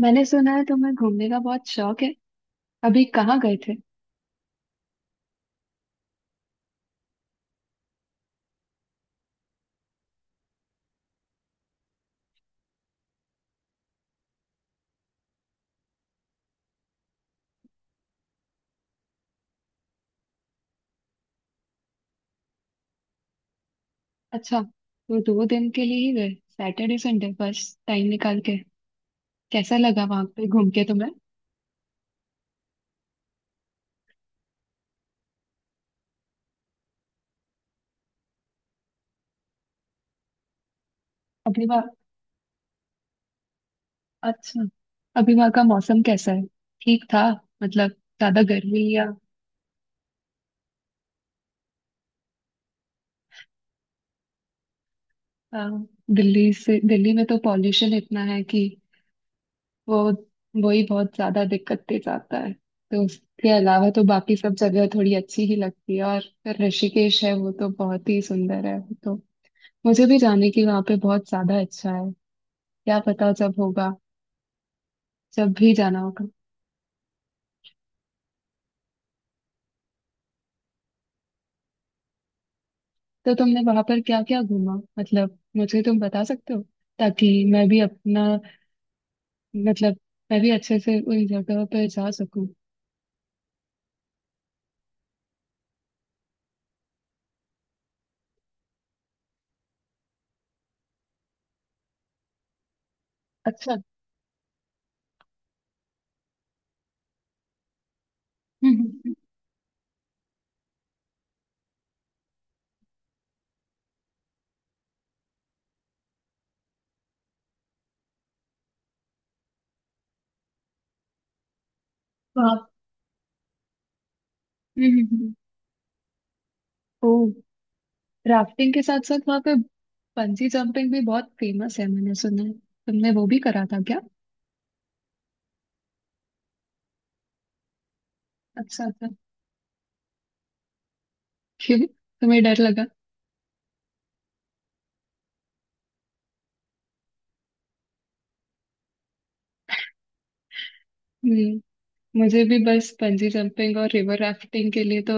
मैंने सुना है तुम्हें घूमने का बहुत शौक है। अभी कहाँ गए थे? अच्छा, तो 2 दिन के लिए ही गए? सैटरडे संडे, बस टाइम निकाल के? कैसा लगा वहां पे घूम के तुम्हें? अभी वहाँ अच्छा। अभी वहाँ का मौसम कैसा है? ठीक था? मतलब, ज्यादा गर्मी या? आ, दिल्ली में तो पॉल्यूशन इतना है कि वो, वही बहुत ज्यादा दिक्कत दे जाता है। तो उसके अलावा तो बाकी सब जगह थोड़ी अच्छी ही लगती है, और फिर ऋषिकेश है वो, तो बहुत ही सुंदर है वो तो। मुझे भी जाने की वहां पे बहुत ज्यादा इच्छा है। क्या पता जब होगा, जब भी जाना होगा। तो तुमने वहां पर क्या क्या घूमा? मतलब मुझे तुम बता सकते हो, ताकि मैं भी अपना, मतलब, मैं भी अच्छे से उन जगह पर जा सकूं। अच्छा। हम्म। वहाँ। हम्म हम्म, हम्म। ओ, राफ्टिंग के साथ साथ वहाँ पे बंजी जंपिंग भी बहुत फेमस है, मैंने सुना है। तुमने वो भी करा था क्या? अच्छा अच्छा। क्यों? तुम्हें डर लगा? हम्म। मुझे भी बस बंजी जंपिंग और रिवर राफ्टिंग के लिए तो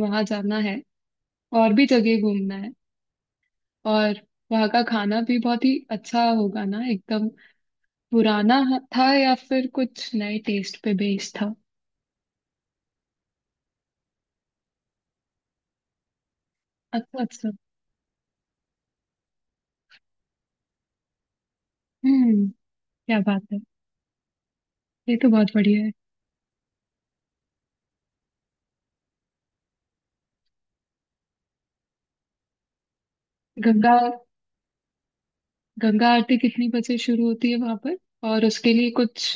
वहां जाना है, और भी जगह घूमना है, और वहां का खाना भी बहुत ही अच्छा होगा ना, एकदम पुराना था, या फिर कुछ नए टेस्ट पे बेस्ड था? अच्छा अच्छा। हम्म। क्या बात है! ये तो बहुत बढ़िया है। गंगा गंगा आरती कितनी बजे शुरू होती है वहां पर? और उसके लिए कुछ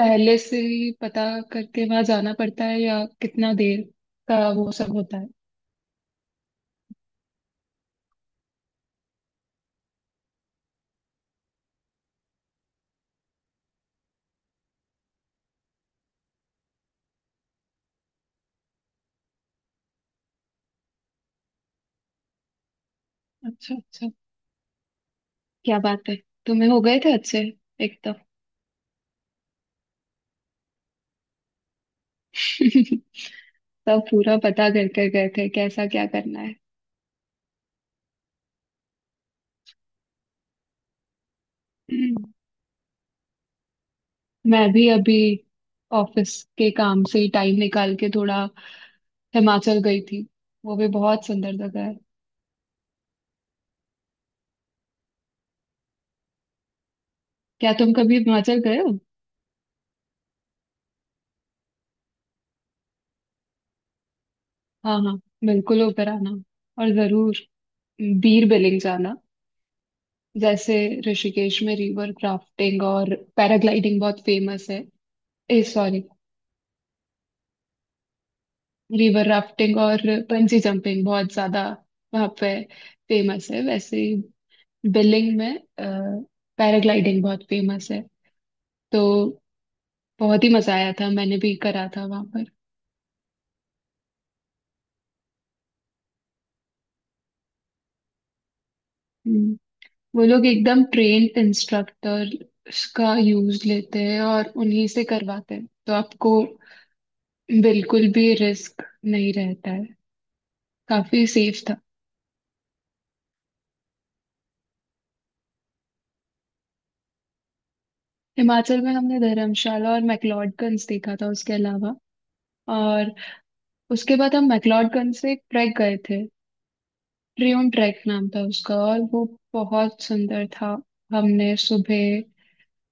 पहले से ही पता करके वहां जाना पड़ता है, या कितना देर का वो सब होता है? अच्छा अच्छा। क्या बात है! तुम्हें हो गए थे अच्छे, एकदम। सब पूरा पता कर कर गए थे, कैसा क्या करना है। हम्म। मैं भी अभी ऑफिस के काम से ही टाइम निकाल के थोड़ा हिमाचल गई थी। वो भी बहुत सुंदर जगह है। क्या तुम कभी हिमाचल गए हो? हाँ हाँ, बिल्कुल होकर आना, और जरूर बीर बिलिंग जाना। जैसे ऋषिकेश में रिवर क्राफ्टिंग और पैराग्लाइडिंग बहुत फेमस है, ए सॉरी, रिवर राफ्टिंग और बंजी जंपिंग बहुत ज्यादा वहाँ पे फेमस है, वैसे ही बिलिंग में पैराग्लाइडिंग बहुत फेमस है। तो बहुत ही मजा आया था, मैंने भी करा था वहाँ पर। हम्म। वो लोग एकदम ट्रेन्ड इंस्ट्रक्टर का यूज लेते हैं और उन्हीं से करवाते हैं, तो आपको बिल्कुल भी रिस्क नहीं रहता है। काफी सेफ था। हिमाचल में हमने धर्मशाला और मैक्लोडगंज देखा था उसके अलावा, और उसके बाद हम मैक्लोडगंज से एक ट्रैक गए थे। ट्रियोन ट्रैक नाम था उसका, और वो बहुत सुंदर था। हमने सुबह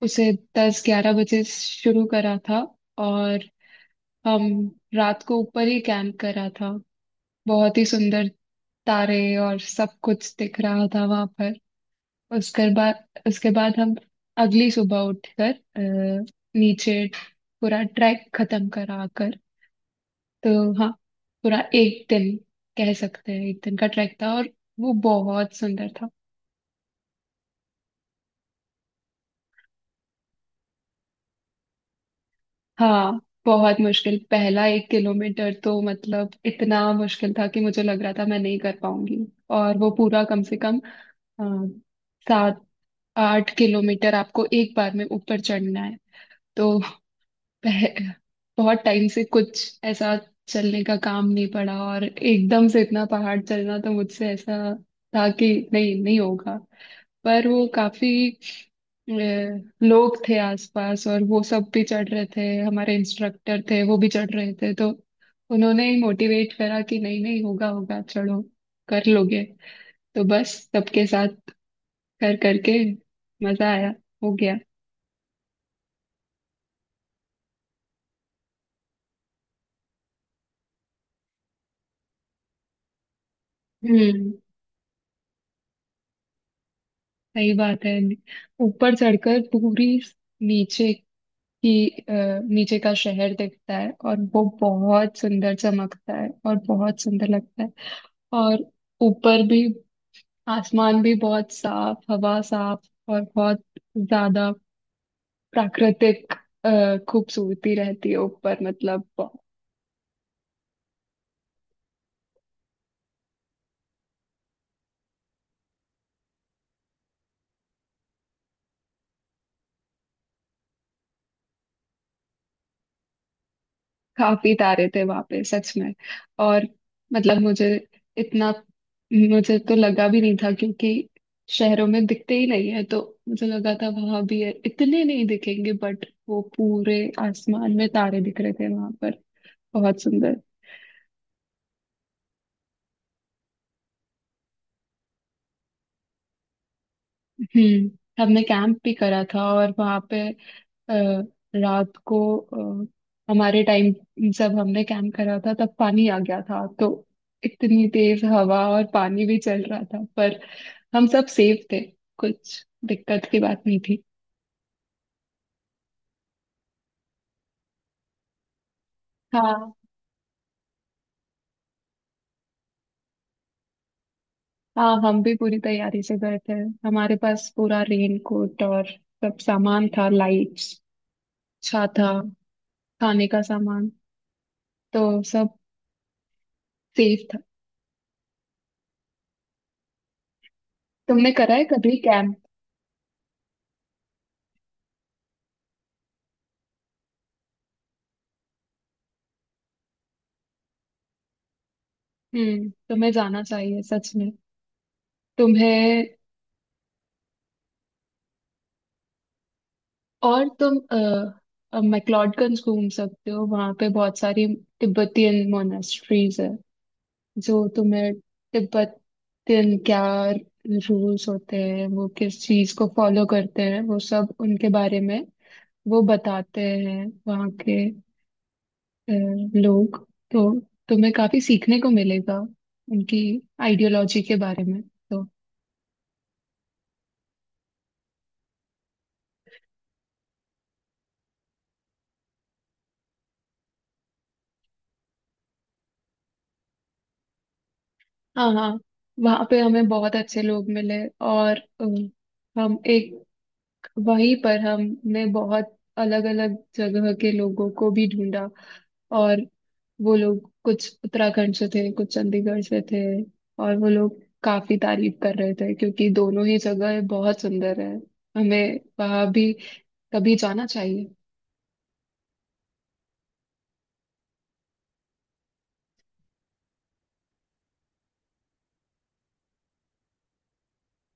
उसे 10-11 बजे शुरू करा था, और हम रात को ऊपर ही कैंप करा था। बहुत ही सुंदर, तारे और सब कुछ दिख रहा था वहां पर। उसके बाद हम अगली सुबह उठकर नीचे पूरा ट्रैक खत्म करा कर। तो हाँ, पूरा 1 दिन, कह सकते हैं 1 दिन का ट्रैक था, और वो बहुत सुंदर था। हाँ, बहुत मुश्किल। पहला 1 किलोमीटर तो मतलब इतना मुश्किल था कि मुझे लग रहा था मैं नहीं कर पाऊंगी, और वो पूरा कम से कम अ, 7-8 किलोमीटर आपको एक बार में ऊपर चढ़ना है। तो पह, बहुत टाइम से कुछ ऐसा चलने का काम नहीं पड़ा, और एकदम से इतना पहाड़ चलना तो मुझसे ऐसा था कि नहीं नहीं होगा। पर वो काफी अ, लोग थे आसपास, और वो सब भी चढ़ रहे थे, हमारे इंस्ट्रक्टर थे, वो भी चढ़ रहे थे, तो उन्होंने ही मोटिवेट करा कि नहीं नहीं, होगा होगा, चढ़ो, कर लोगे। तो बस सबके साथ कर करके मजा आया, हो गया। हम्म, सही बात है। ऊपर चढ़कर पूरी, नीचे की अ, नीचे का शहर दिखता है और वो बहुत सुंदर चमकता है और बहुत सुंदर लगता है। और ऊपर भी, आसमान भी बहुत साफ, हवा साफ, और बहुत ज्यादा प्राकृतिक खूबसूरती रहती है ऊपर, मतलब काफी तारे थे वहां पे सच में। और मतलब मुझे इतना, मुझे तो लगा भी नहीं था, क्योंकि शहरों में दिखते ही नहीं है, तो मुझे लगा था वहां भी है, इतने नहीं दिखेंगे, बट वो पूरे आसमान में तारे दिख रहे थे वहां पर, बहुत सुंदर। हम्म। हमने कैंप भी करा था और वहां पे अ, रात को, अ, हमारे टाइम, जब हमने कैंप करा था, तब पानी आ गया था, तो इतनी तेज हवा और पानी भी चल रहा था, पर हम सब सेफ थे, कुछ दिक्कत की बात नहीं थी। हाँ हाँ, हम भी पूरी तैयारी से गए थे, हमारे पास पूरा रेन कोट और सब सामान था, लाइट्स, छाता, खाने का सामान, तो सब सेफ था। तुमने करा है कभी कैंप? हम्म, तुम्हें जाना चाहिए सच में, तुम्हें। और तुम मैक्लोडगंज घूम सकते हो, वहां पे बहुत सारी तिब्बतियन मोनास्ट्रीज है, जो तुम्हें तिब्बतियन क्या रूल्स होते हैं, वो किस चीज को फॉलो करते हैं, वो सब उनके बारे में वो बताते हैं, वहाँ के अ, लोग। तो तुम्हें काफी सीखने को मिलेगा उनकी आइडियोलॉजी के बारे में। तो हाँ हाँ, वहाँ पे हमें बहुत अच्छे लोग मिले, और हम एक, वहीं पर हमने बहुत अलग अलग जगह के लोगों को भी ढूंढा, और वो लोग कुछ उत्तराखंड से थे, कुछ चंडीगढ़ से थे, और वो लोग काफी तारीफ कर रहे थे, क्योंकि दोनों ही जगह बहुत सुंदर है, हमें वहां भी कभी जाना चाहिए।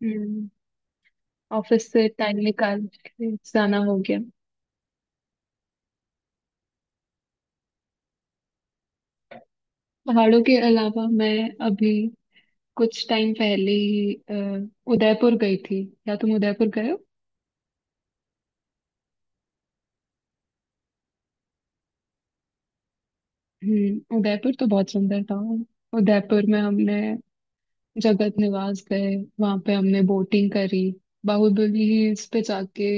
हम्म, ऑफिस से टाइम निकाल के जाना हो गया। पहाड़ों के अलावा मैं अभी कुछ टाइम पहले ही उदयपुर गई थी। क्या तुम उदयपुर गए हो? हम्म, उदयपुर तो बहुत सुंदर था। उदयपुर में हमने जगत निवास गए, वहां पे हमने बोटिंग करी, बाहुबली हिल्स पे जाके,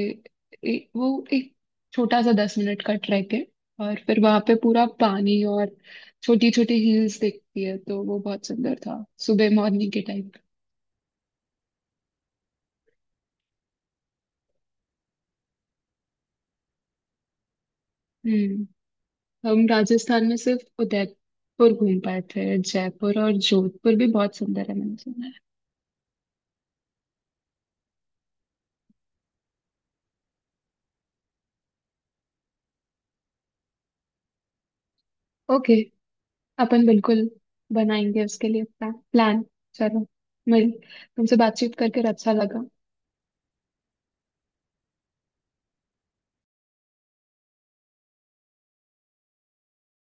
वो एक छोटा सा 10 मिनट का ट्रैक है, और फिर वहां पे पूरा पानी और छोटी छोटी हिल्स दिखती है, तो वो बहुत सुंदर था सुबह मॉर्निंग के टाइम। हम्म, हम राजस्थान में सिर्फ उदयपुर घूम पाए थे, जयपुर और जोधपुर भी बहुत सुंदर है, मैंने सुना है। ओके, अपन बिल्कुल बनाएंगे उसके लिए प्लान प्लान। चलो, मिल, तुमसे बातचीत करके अच्छा लगा।